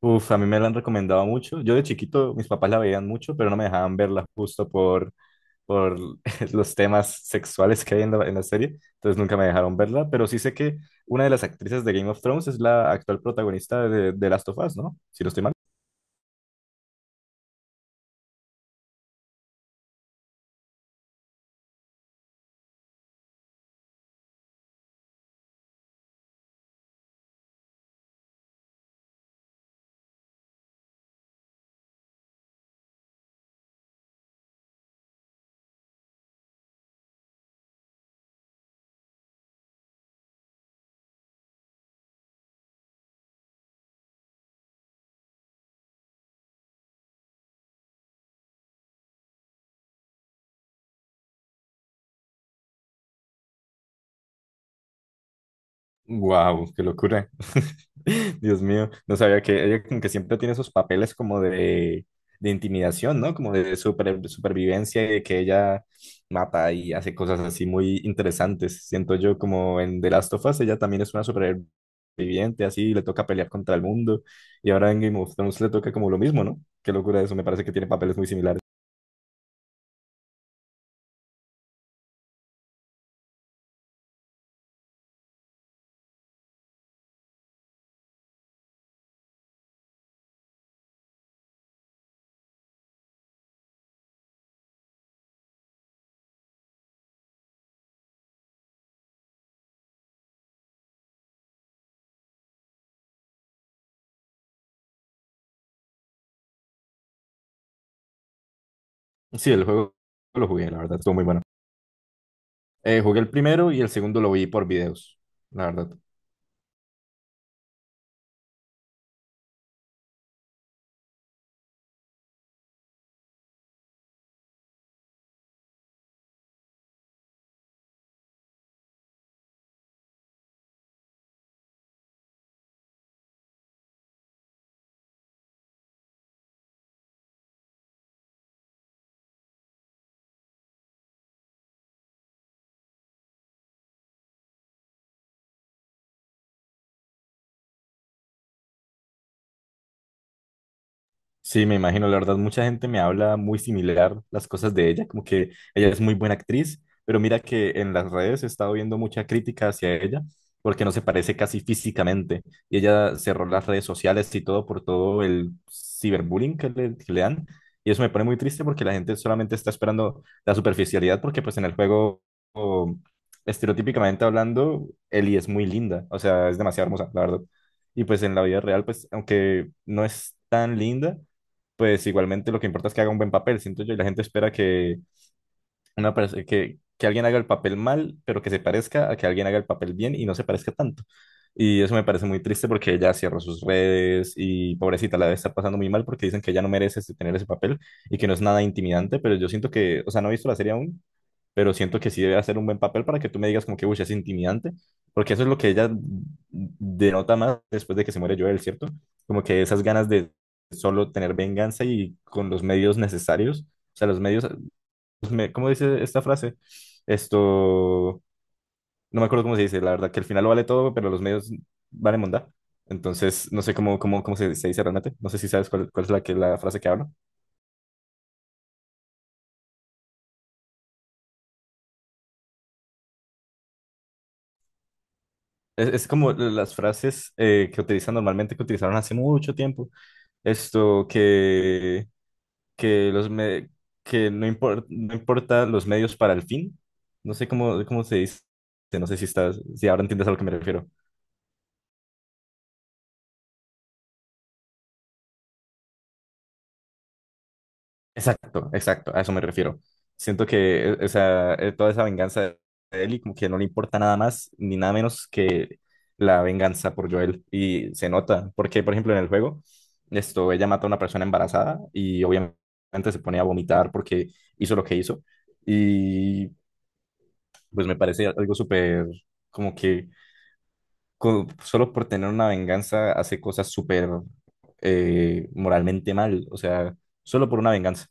Uf, a mí me la han recomendado mucho. Yo de chiquito, mis papás la veían mucho, pero no me dejaban verla justo por los temas sexuales que hay en la serie. Entonces nunca me dejaron verla, pero sí sé que una de las actrices de Game of Thrones es la actual protagonista de Last of Us, ¿no? Si no estoy mal. Wow, qué locura. Dios mío, no sabía que ella como que siempre tiene esos papeles como de intimidación, ¿no? Como de supervivencia y de que ella mata y hace cosas así muy interesantes. Siento yo como en The Last of Us, ella también es una superviviente, así le toca pelear contra el mundo y ahora en Game of Thrones le toca como lo mismo, ¿no? Qué locura eso, me parece que tiene papeles muy similares. Sí, el juego lo jugué, la verdad, estuvo muy bueno. Jugué el primero y el segundo lo vi por videos, la verdad. Sí, me imagino, la verdad, mucha gente me habla muy similar las cosas de ella, como que ella es muy buena actriz, pero mira que en las redes he estado viendo mucha crítica hacia ella, porque no se parece casi físicamente, y ella cerró las redes sociales y todo por todo el ciberbullying que le dan, y eso me pone muy triste porque la gente solamente está esperando la superficialidad, porque pues en el juego, o, estereotípicamente hablando, Ellie es muy linda, o sea, es demasiado hermosa, la verdad, y pues en la vida real, pues aunque no es tan linda, pues igualmente lo que importa es que haga un buen papel, siento yo, y la gente espera que, una parece que alguien haga el papel mal, pero que se parezca a que alguien haga el papel bien y no se parezca tanto. Y eso me parece muy triste porque ella cierra sus redes y pobrecita la debe estar pasando muy mal porque dicen que ella no merece tener ese papel y que no es nada intimidante, pero yo siento que, o sea, no he visto la serie aún, pero siento que sí debe hacer un buen papel para que tú me digas como que, uy, es intimidante, porque eso es lo que ella denota más después de que se muere Joel, ¿cierto? Como que esas ganas de solo tener venganza y con los medios necesarios. O sea, los medios pues, ¿cómo dice esta frase? Esto, no me acuerdo cómo se dice, la verdad, que al final lo vale todo, pero los medios valen mondá. Entonces, no sé cómo se dice realmente, no sé si sabes cuál es la frase que hablo. Es como las frases que utilizan normalmente, que utilizaron hace mucho tiempo. Esto, que, los me- que no, no importa los medios para el fin. No sé cómo, cómo se dice, no sé si estás, si ahora entiendes a lo que me refiero. Exacto, exacto, a eso me refiero. Siento que o sea, toda esa venganza de él y como que no le importa nada más ni nada menos que la venganza por Joel y se nota, porque por ejemplo en el juego esto ella mata a una persona embarazada y obviamente se pone a vomitar porque hizo lo que hizo y pues me parece algo súper como que solo por tener una venganza hace cosas súper moralmente mal, o sea, solo por una venganza.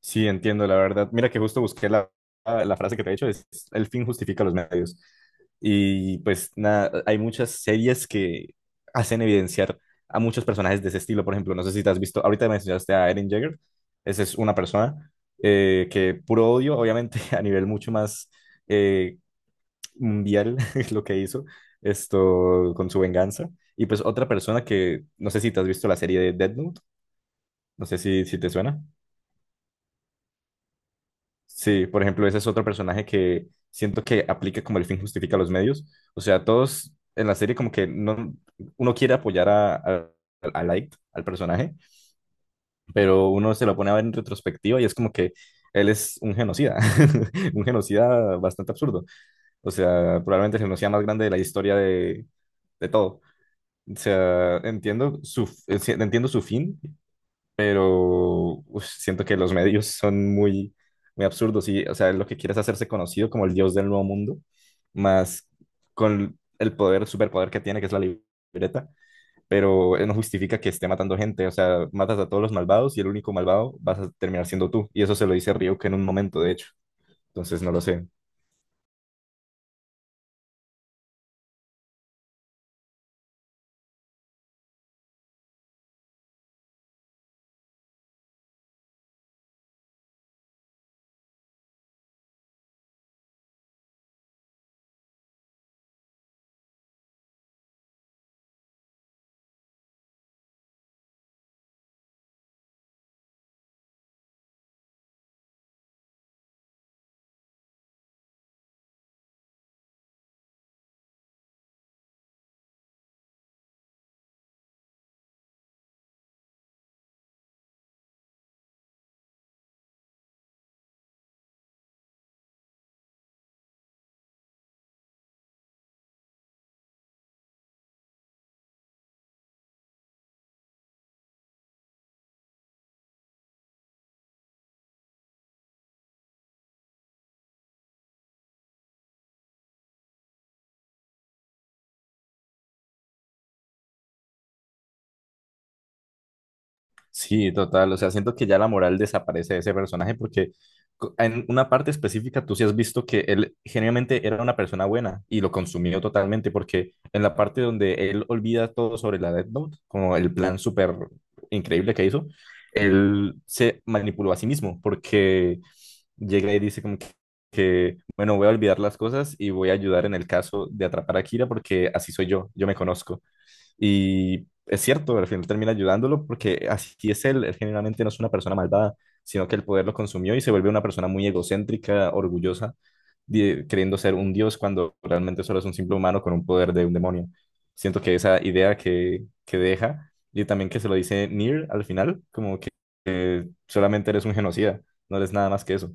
Sí, entiendo, la verdad. Mira que justo busqué la frase que te he dicho, es el fin justifica los medios. Y pues nada, hay muchas series que hacen evidenciar a muchos personajes de ese estilo. Por ejemplo, no sé si te has visto, ahorita mencionaste a Eren Jaeger, esa es una persona que puro odio, obviamente a nivel mucho más eh, mundial es lo que hizo esto con su venganza. Y pues otra persona que, no sé si te has visto la serie de Death Note, no sé si te suena. Sí, por ejemplo, ese es otro personaje que siento que aplica como el fin justifica los medios. O sea, todos en la serie como que no, uno quiere apoyar a Light, al personaje, pero uno se lo pone a ver en retrospectiva y es como que él es un genocida, un genocida bastante absurdo. O sea, probablemente el genocida más grande de la historia de todo. O sea, entiendo su fin, pero uf, siento que los medios son muy, muy absurdos y, o sea, lo que quieres hacerse conocido como el dios del nuevo mundo, más con el poder, superpoder que tiene, que es la libreta, pero no justifica que esté matando gente, o sea, matas a todos los malvados y el único malvado vas a terminar siendo tú, y eso se lo dice Ryuk en un momento, de hecho, entonces no lo sé. Sí, total. O sea, siento que ya la moral desaparece de ese personaje porque en una parte específica tú sí has visto que él genuinamente era una persona buena y lo consumió totalmente porque en la parte donde él olvida todo sobre la Death Note, como el plan súper increíble que hizo, él se manipuló a sí mismo porque llega y dice como que, bueno, voy a olvidar las cosas y voy a ayudar en el caso de atrapar a Kira porque así soy yo, yo me conozco. Y es cierto, al final termina ayudándolo porque así es él. Él generalmente no es una persona malvada, sino que el poder lo consumió y se vuelve una persona muy egocéntrica, orgullosa, queriendo ser un dios cuando realmente solo es un simple humano con un poder de un demonio. Siento que esa idea que deja y también que se lo dice Nier al final, como que solamente eres un genocida, no eres nada más que eso.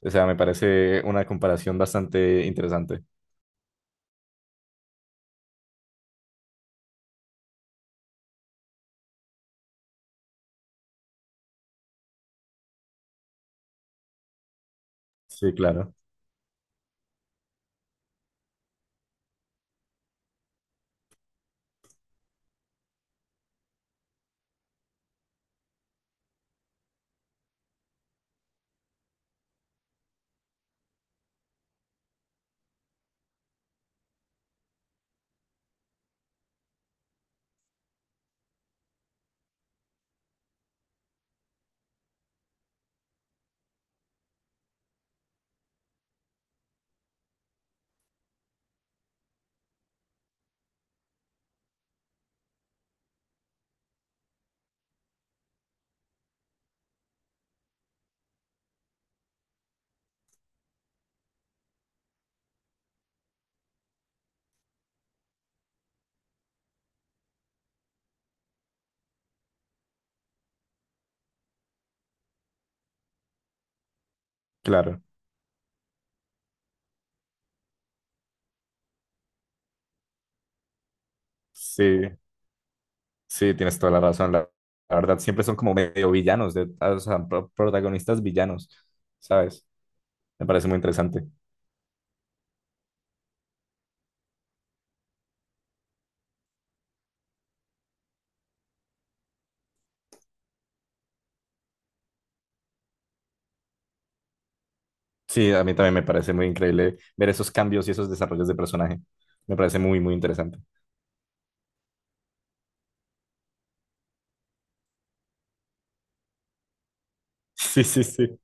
O sea, me parece una comparación bastante interesante. Sí, claro, claro. Sí, sí, tienes toda la razón. La verdad, siempre son como medio villanos, de, ah, o sea, protagonistas villanos, ¿sabes? Me parece muy interesante. Sí, a mí también me parece muy increíble ver esos cambios y esos desarrollos de personaje. Me parece muy, muy interesante. Sí, sí, sí.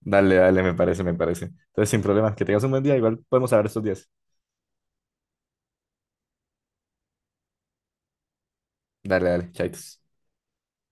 Dale, dale, me parece, me parece. Entonces, sin problemas, que tengas un buen día, igual podemos hablar estos días. Dale, dale, chaitos.